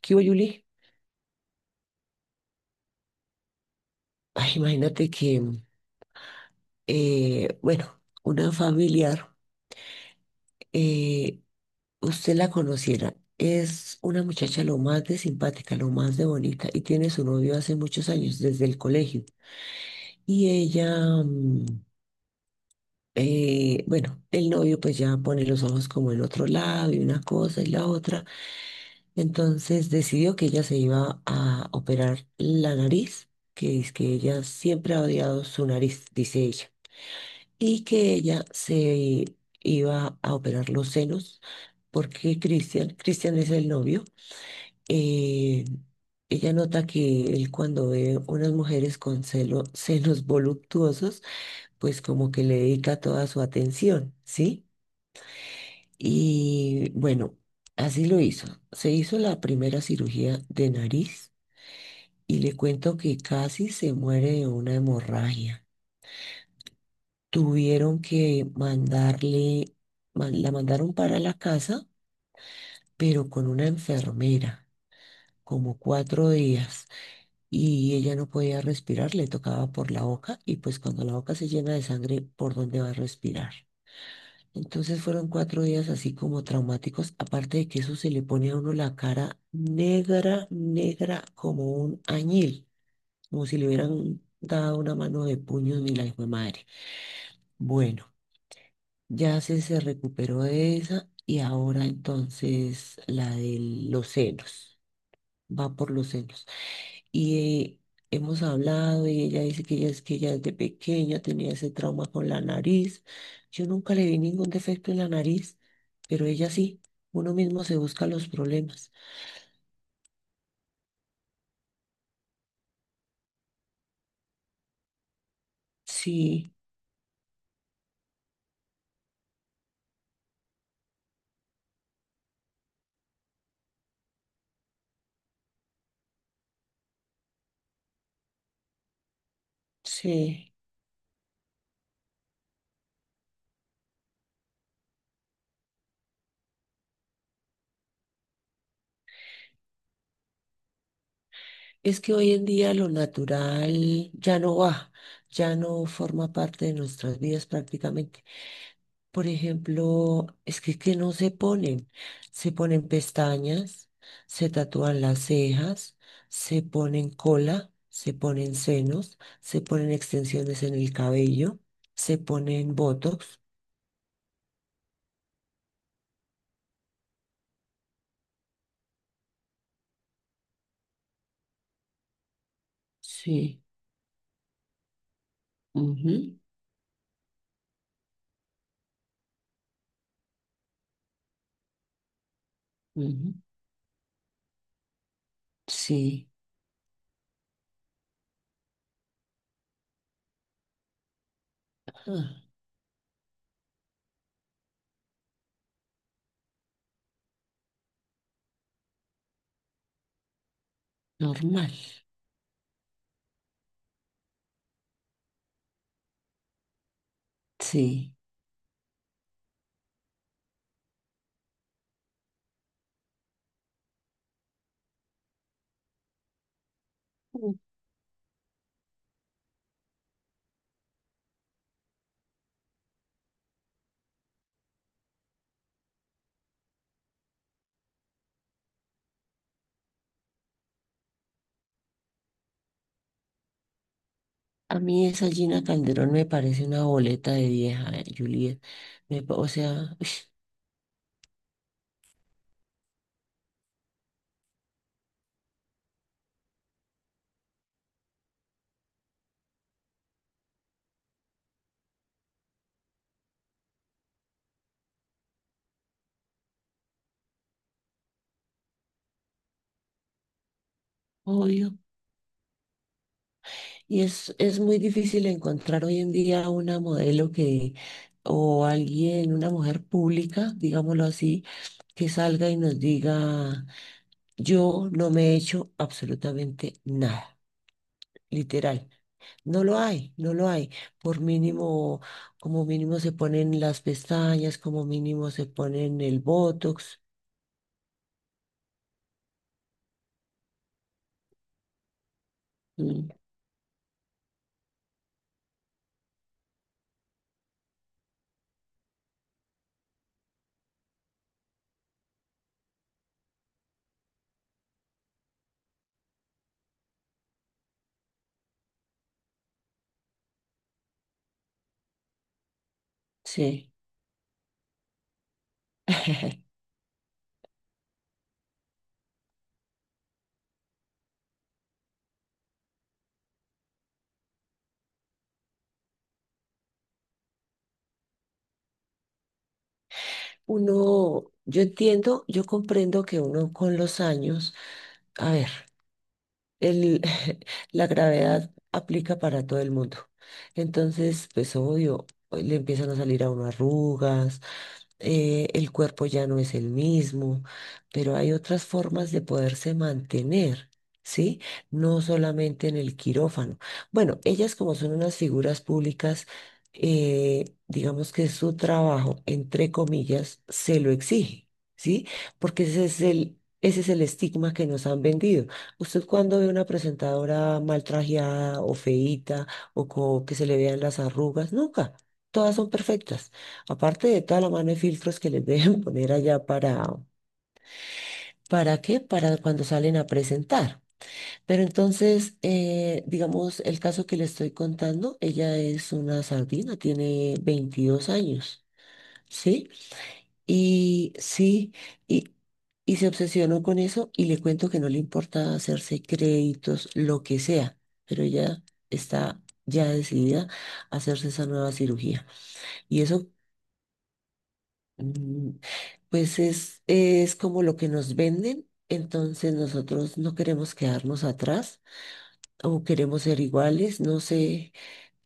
¿Qué hubo, Yuli? Ay, imagínate que, bueno, una familiar, eh, usted la conociera, es una muchacha lo más de simpática, lo más de bonita, y tiene su novio hace muchos años, desde el colegio. Y ella, bueno, el novio pues ya pone los ojos como en otro lado y una cosa y la otra. Entonces decidió que ella se iba a operar la nariz, que es que ella siempre ha odiado su nariz, dice ella. Y que ella se iba a operar los senos porque Cristian es el novio, eh, ella nota que él cuando ve unas mujeres con senos voluptuosos, pues como que le dedica toda su atención, ¿sí? Y bueno, así lo hizo. Se hizo la primera cirugía de nariz y le cuento que casi se muere de una hemorragia. Tuvieron que la mandaron para la casa, pero con una enfermera, como cuatro días, y ella no podía respirar, le tocaba por la boca, y pues cuando la boca se llena de sangre, ¿por dónde va a respirar? Entonces fueron cuatro días así como traumáticos, aparte de que eso se le pone a uno la cara negra, negra como un añil, como si le hubieran dado una mano de puños ni la hijo de madre. Bueno. Ya se recuperó de esa y ahora entonces la de los senos, va por los senos. Y eh, hemos hablado y ella dice que ella es que ella desde pequeña tenía ese trauma con la nariz. Yo nunca le vi ningún defecto en la nariz, pero ella sí, uno mismo se busca los problemas. Sí, sí. Es que hoy en día lo natural ya no va, ya no forma parte de nuestras vidas prácticamente. Por ejemplo, que no se ponen. Se ponen pestañas, se tatúan las cejas, se ponen cola, se ponen senos, se ponen extensiones en el cabello, se ponen botox. Sí. Ujú, ujú, sí. Ah, normal. Sí. Mm. A mí esa Gina Calderón me parece una boleta de vieja, Juliet. O sea, uy, obvio. Y es muy difícil encontrar hoy en día una modelo que, o alguien, una mujer pública, digámoslo así, que salga y nos diga, yo no me he hecho absolutamente nada, literal. No lo hay, no lo hay. Por mínimo, como mínimo se ponen las pestañas, como mínimo se ponen el botox. Mm, sí. Uno, yo comprendo que uno con los años, a ver. El, la gravedad aplica para todo el mundo. Entonces, pues obvio, le empiezan a salir a uno arrugas, el cuerpo ya no es el mismo, pero hay otras formas de poderse mantener, ¿sí? No solamente en el quirófano. Bueno, ellas como son unas figuras públicas, digamos que su trabajo, entre comillas, se lo exige, ¿sí? Porque ese es Ese es el estigma que nos han vendido. Usted cuando ve una presentadora mal trajeada o feíta o que se le vean las arrugas, nunca. Todas son perfectas. Aparte de toda la mano de filtros que les deben poner allá ¿para qué? Para cuando salen a presentar. Pero entonces, digamos, el caso que le estoy contando, ella es una sardina, tiene 22 años, ¿sí? Y sí, y, y se obsesionó con eso y le cuento que no le importa hacerse créditos, lo que sea, pero ella está ya decidida a hacerse esa nueva cirugía. Y eso. Mm, pues es como lo que nos venden, entonces nosotros no queremos quedarnos atrás o queremos ser iguales, no sé,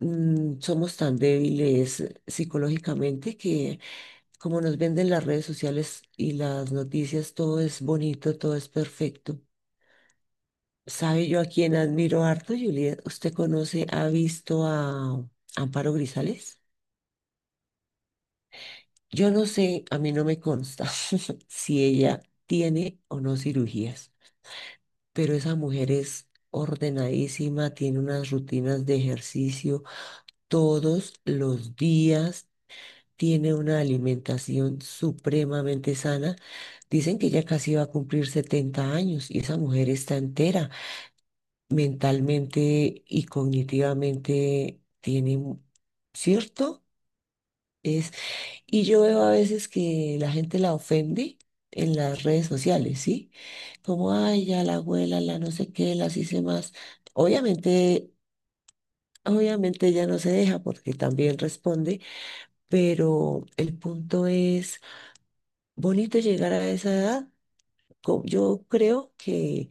mm, somos tan débiles psicológicamente que como nos venden las redes sociales y las noticias, todo es bonito, todo es perfecto. ¿Sabe yo a quién admiro harto, Juliet? ¿Usted conoce, ha visto a Amparo Grisales? Yo no sé, a mí no me consta si ella tiene o no cirugías, pero esa mujer es ordenadísima, tiene unas rutinas de ejercicio todos los días, tiene una alimentación supremamente sana. Dicen que ella casi va a cumplir 70 años y esa mujer está entera, mentalmente y cognitivamente ¿cierto? Es. Y yo veo a veces que la gente la ofende en las redes sociales, ¿sí? Como, ay, ya la abuela, la no sé qué, las hice más. Obviamente, obviamente ella no se deja porque también responde, pero el punto es, bonito llegar a esa edad. Yo creo que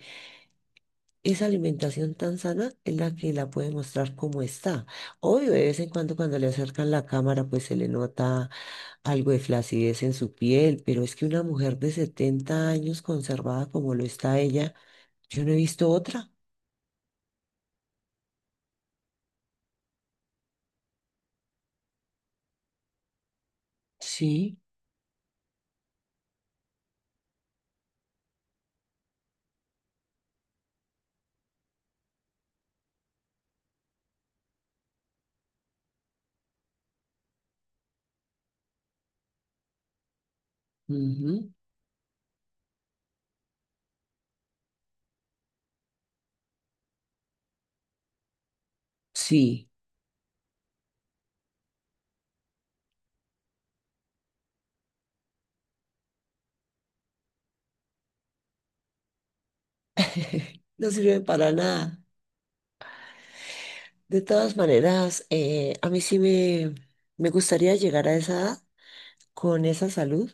esa alimentación tan sana es la que la puede mostrar como está. Obvio, de vez en cuando cuando le acercan la cámara, pues se le nota algo de flacidez en su piel, pero es que una mujer de 70 años conservada como lo está ella, yo no he visto otra. Sí, ujú, sí, no sirve para nada. De todas maneras, a me gustaría llegar a esa edad con esa salud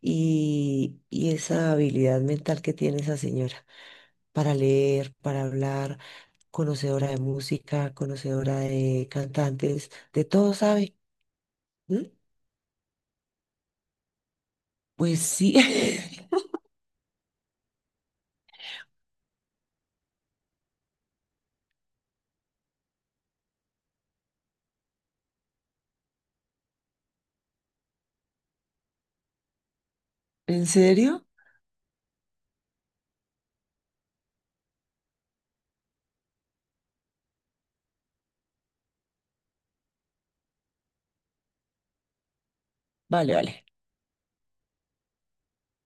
y esa habilidad mental que tiene esa señora. Para leer, para hablar, conocedora de música, conocedora de cantantes, de todo sabe. ¿Mm? Pues sí, ¿en serio? Vale, vale.